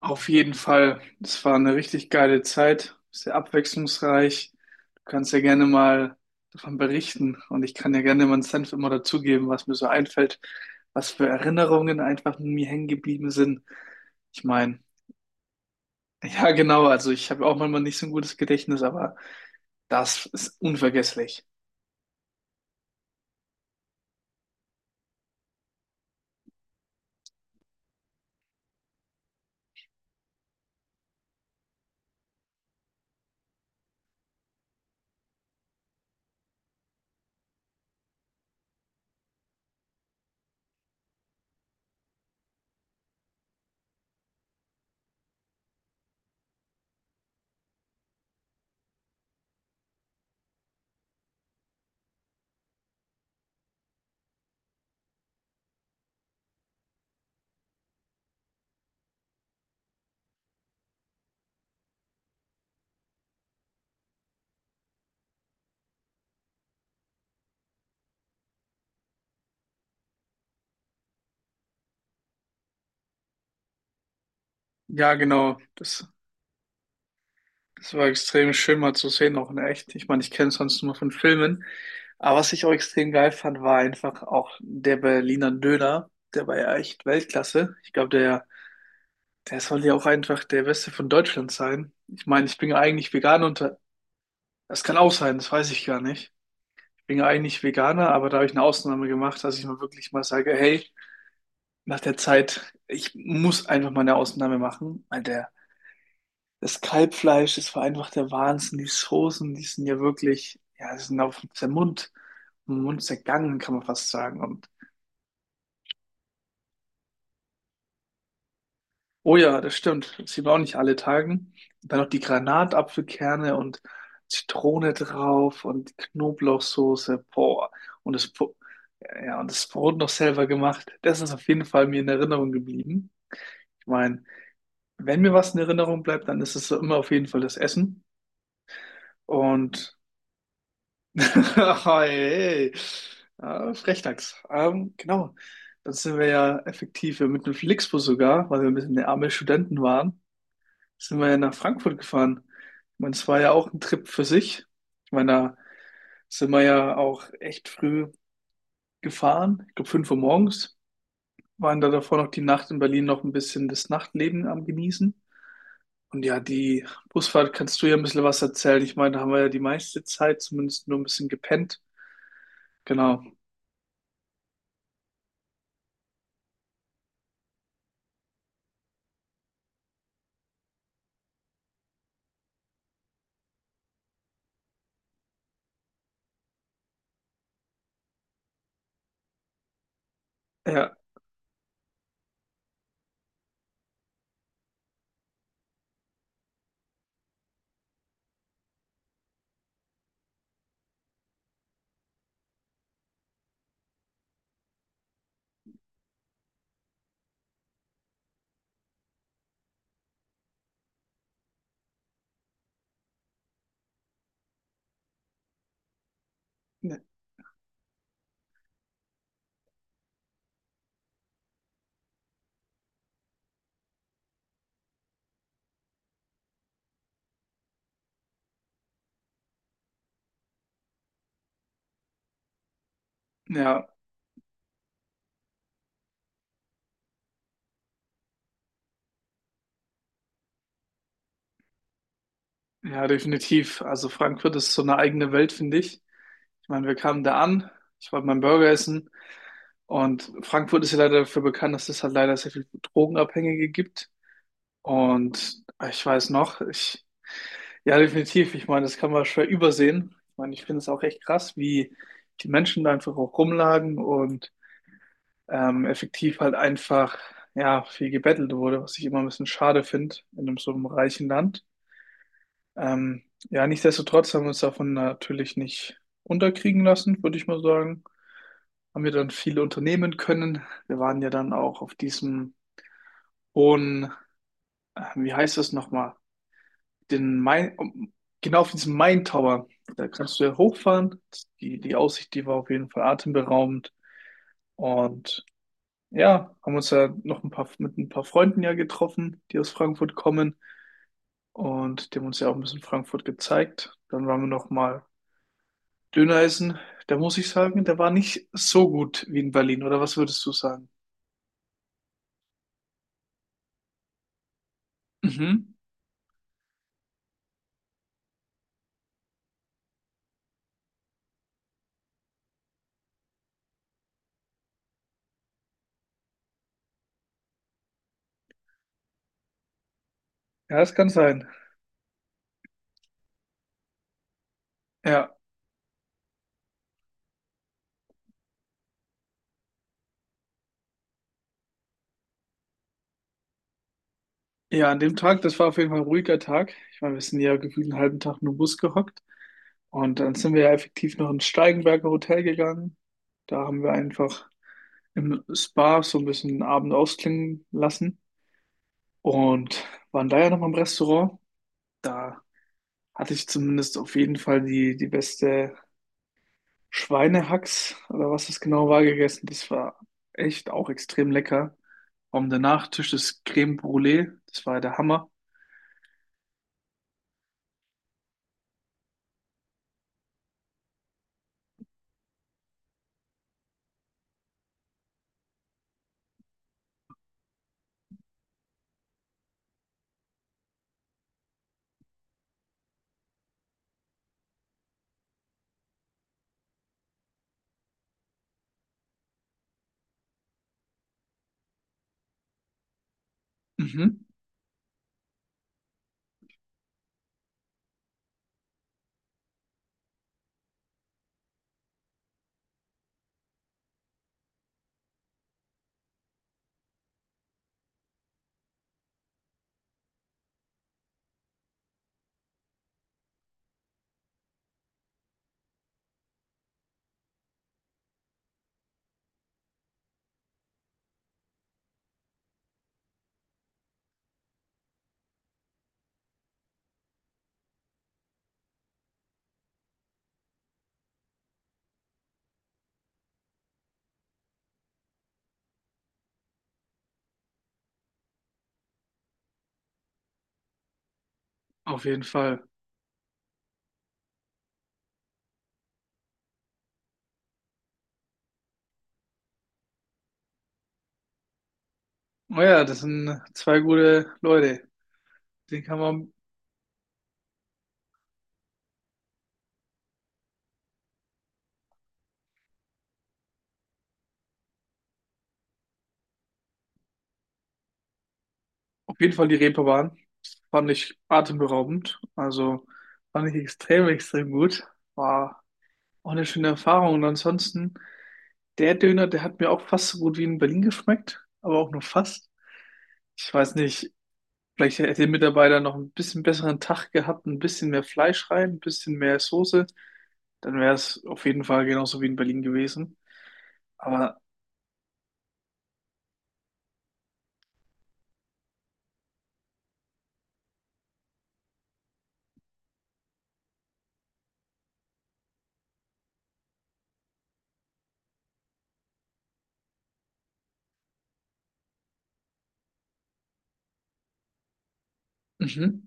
Auf jeden Fall. Es war eine richtig geile Zeit, sehr abwechslungsreich. Du kannst ja gerne mal davon berichten und ich kann ja gerne meinen Senf immer dazugeben, was mir so einfällt, was für Erinnerungen einfach in mir hängen geblieben sind. Ich meine, ja genau, also ich habe auch manchmal nicht so ein gutes Gedächtnis, aber das ist unvergesslich. Ja genau, Das war extrem schön mal zu sehen, auch in echt. Ich meine, ich kenne es sonst nur von Filmen. Aber was ich auch extrem geil fand, war einfach auch der Berliner Döner. Der war ja echt Weltklasse. Ich glaube, der soll ja auch einfach der Beste von Deutschland sein. Ich meine, ich bin ja eigentlich Veganer und das kann auch sein, das weiß ich gar nicht. Ich bin ja eigentlich Veganer, aber da habe ich eine Ausnahme gemacht, dass ich mal wirklich mal sage, hey, nach der Zeit, ich muss einfach mal eine Ausnahme machen, weil der das Kalbfleisch, das war einfach der Wahnsinn. Die Soßen, die sind ja wirklich, ja, die sind auf den Mund zergangen, kann man fast sagen. Und oh ja, das stimmt. Das sieht man auch nicht alle Tagen. Und dann noch die Granatapfelkerne und Zitrone drauf und Knoblauchsoße. Boah. Und das, Bro- ja, und das Brot noch selber gemacht. Das ist auf jeden Fall mir in Erinnerung geblieben. Ich meine, wenn mir was in Erinnerung bleibt, dann ist es so immer auf jeden Fall das Essen. Und hey, Frechdachs. Genau, dann sind wir ja effektiv ja mit dem Flixbus sogar, weil wir ein bisschen der arme Studenten waren, sind wir ja nach Frankfurt gefahren. Ich meine, es war ja auch ein Trip für sich. Ich meine, da sind wir ja auch echt früh gefahren. Ich glaube, 5 Uhr morgens waren da davor noch die Nacht in Berlin noch ein bisschen das Nachtleben am Genießen. Und ja, die Busfahrt kannst du ja ein bisschen was erzählen. Ich meine, da haben wir ja die meiste Zeit zumindest nur ein bisschen gepennt. Genau. Ja. Ne. Ja, ja, definitiv. Also Frankfurt ist so eine eigene Welt, finde ich. Ich meine, wir kamen da an, ich wollte meinen Burger essen und Frankfurt ist ja leider dafür bekannt, dass es halt leider sehr viel Drogenabhängige gibt. Und ich weiß noch, ja, definitiv. Ich meine, das kann man schwer übersehen. Ich meine, ich finde es auch echt krass, wie die Menschen da einfach auch rumlagen und effektiv halt einfach, ja, viel gebettelt wurde, was ich immer ein bisschen schade finde in einem so einem reichen Land. Ähm, ja, nichtsdestotrotz haben wir uns davon natürlich nicht unterkriegen lassen, würde ich mal sagen. Haben wir dann viele unternehmen können. Wir waren ja dann auch auf diesem hohen, wie heißt das nochmal? Den Main, um, genau auf diesem Main Tower. Da kannst du ja hochfahren. Die Aussicht, die war auf jeden Fall atemberaubend. Und ja, haben uns ja noch ein paar mit ein paar Freunden ja getroffen, die aus Frankfurt kommen. Und die haben uns ja auch ein bisschen Frankfurt gezeigt. Dann waren wir noch mal Dönereisen, da muss ich sagen, der war nicht so gut wie in Berlin, oder was würdest du sagen? Mhm. Ja, das kann sein. Ja. Ja, an dem Tag, das war auf jeden Fall ein ruhiger Tag. Ich meine, wir sind ja gefühlt einen halben Tag nur im Bus gehockt. Und dann sind wir ja effektiv noch ins Steigenberger Hotel gegangen. Da haben wir einfach im Spa so ein bisschen den Abend ausklingen lassen und waren da ja noch mal im Restaurant. Da hatte ich zumindest auf jeden Fall die beste Schweinehacks oder was es genau war gegessen. Das war echt auch extrem lecker. Und der Nachtisch, das Crème Brûlée, das war der Hammer. Mhm, auf jeden Fall. Naja, das sind zwei gute Leute. Den kann man auf jeden Fall die Reeperbahn. Fand ich atemberaubend. Also fand ich extrem, extrem gut. War auch eine schöne Erfahrung. Und ansonsten, der Döner, der hat mir auch fast so gut wie in Berlin geschmeckt, aber auch nur fast. Ich weiß nicht, vielleicht hätte der Mitarbeiter noch ein bisschen besseren Tag gehabt, ein bisschen mehr Fleisch rein, ein bisschen mehr Soße. Dann wäre es auf jeden Fall genauso wie in Berlin gewesen. Aber mhm.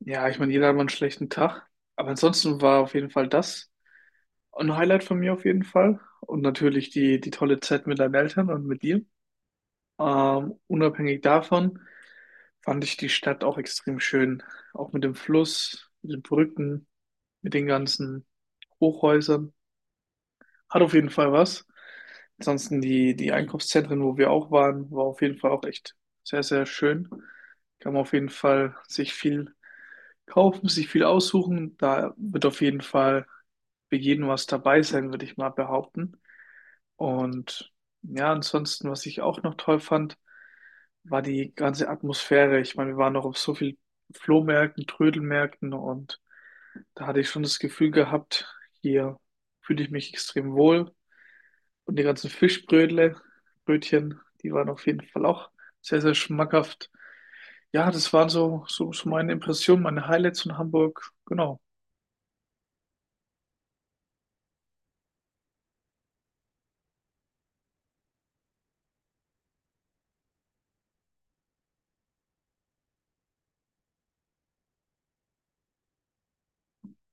Ja, ich meine, jeder hat mal einen schlechten Tag. Aber ansonsten war auf jeden Fall das ein Highlight von mir auf jeden Fall. Und natürlich die tolle Zeit mit deinen Eltern und mit dir. Unabhängig davon fand ich die Stadt auch extrem schön. Auch mit dem Fluss, mit den Brücken, mit den ganzen Hochhäusern. Hat auf jeden Fall was. Ansonsten die Einkaufszentren, wo wir auch waren, war auf jeden Fall auch echt sehr, sehr schön. Kann man auf jeden Fall sich viel kaufen, sich viel aussuchen. Da wird auf jeden Fall für jeden was dabei sein, würde ich mal behaupten. Und ja, ansonsten, was ich auch noch toll fand, war die ganze Atmosphäre. Ich meine, wir waren noch auf so vielen Flohmärkten, Trödelmärkten und da hatte ich schon das Gefühl gehabt, hier fühle ich mich extrem wohl. Und die ganzen Fischbrötle, Brötchen, die waren auf jeden Fall auch sehr, sehr schmackhaft. Ja, das waren so meine Impressionen, meine Highlights von Hamburg. Genau.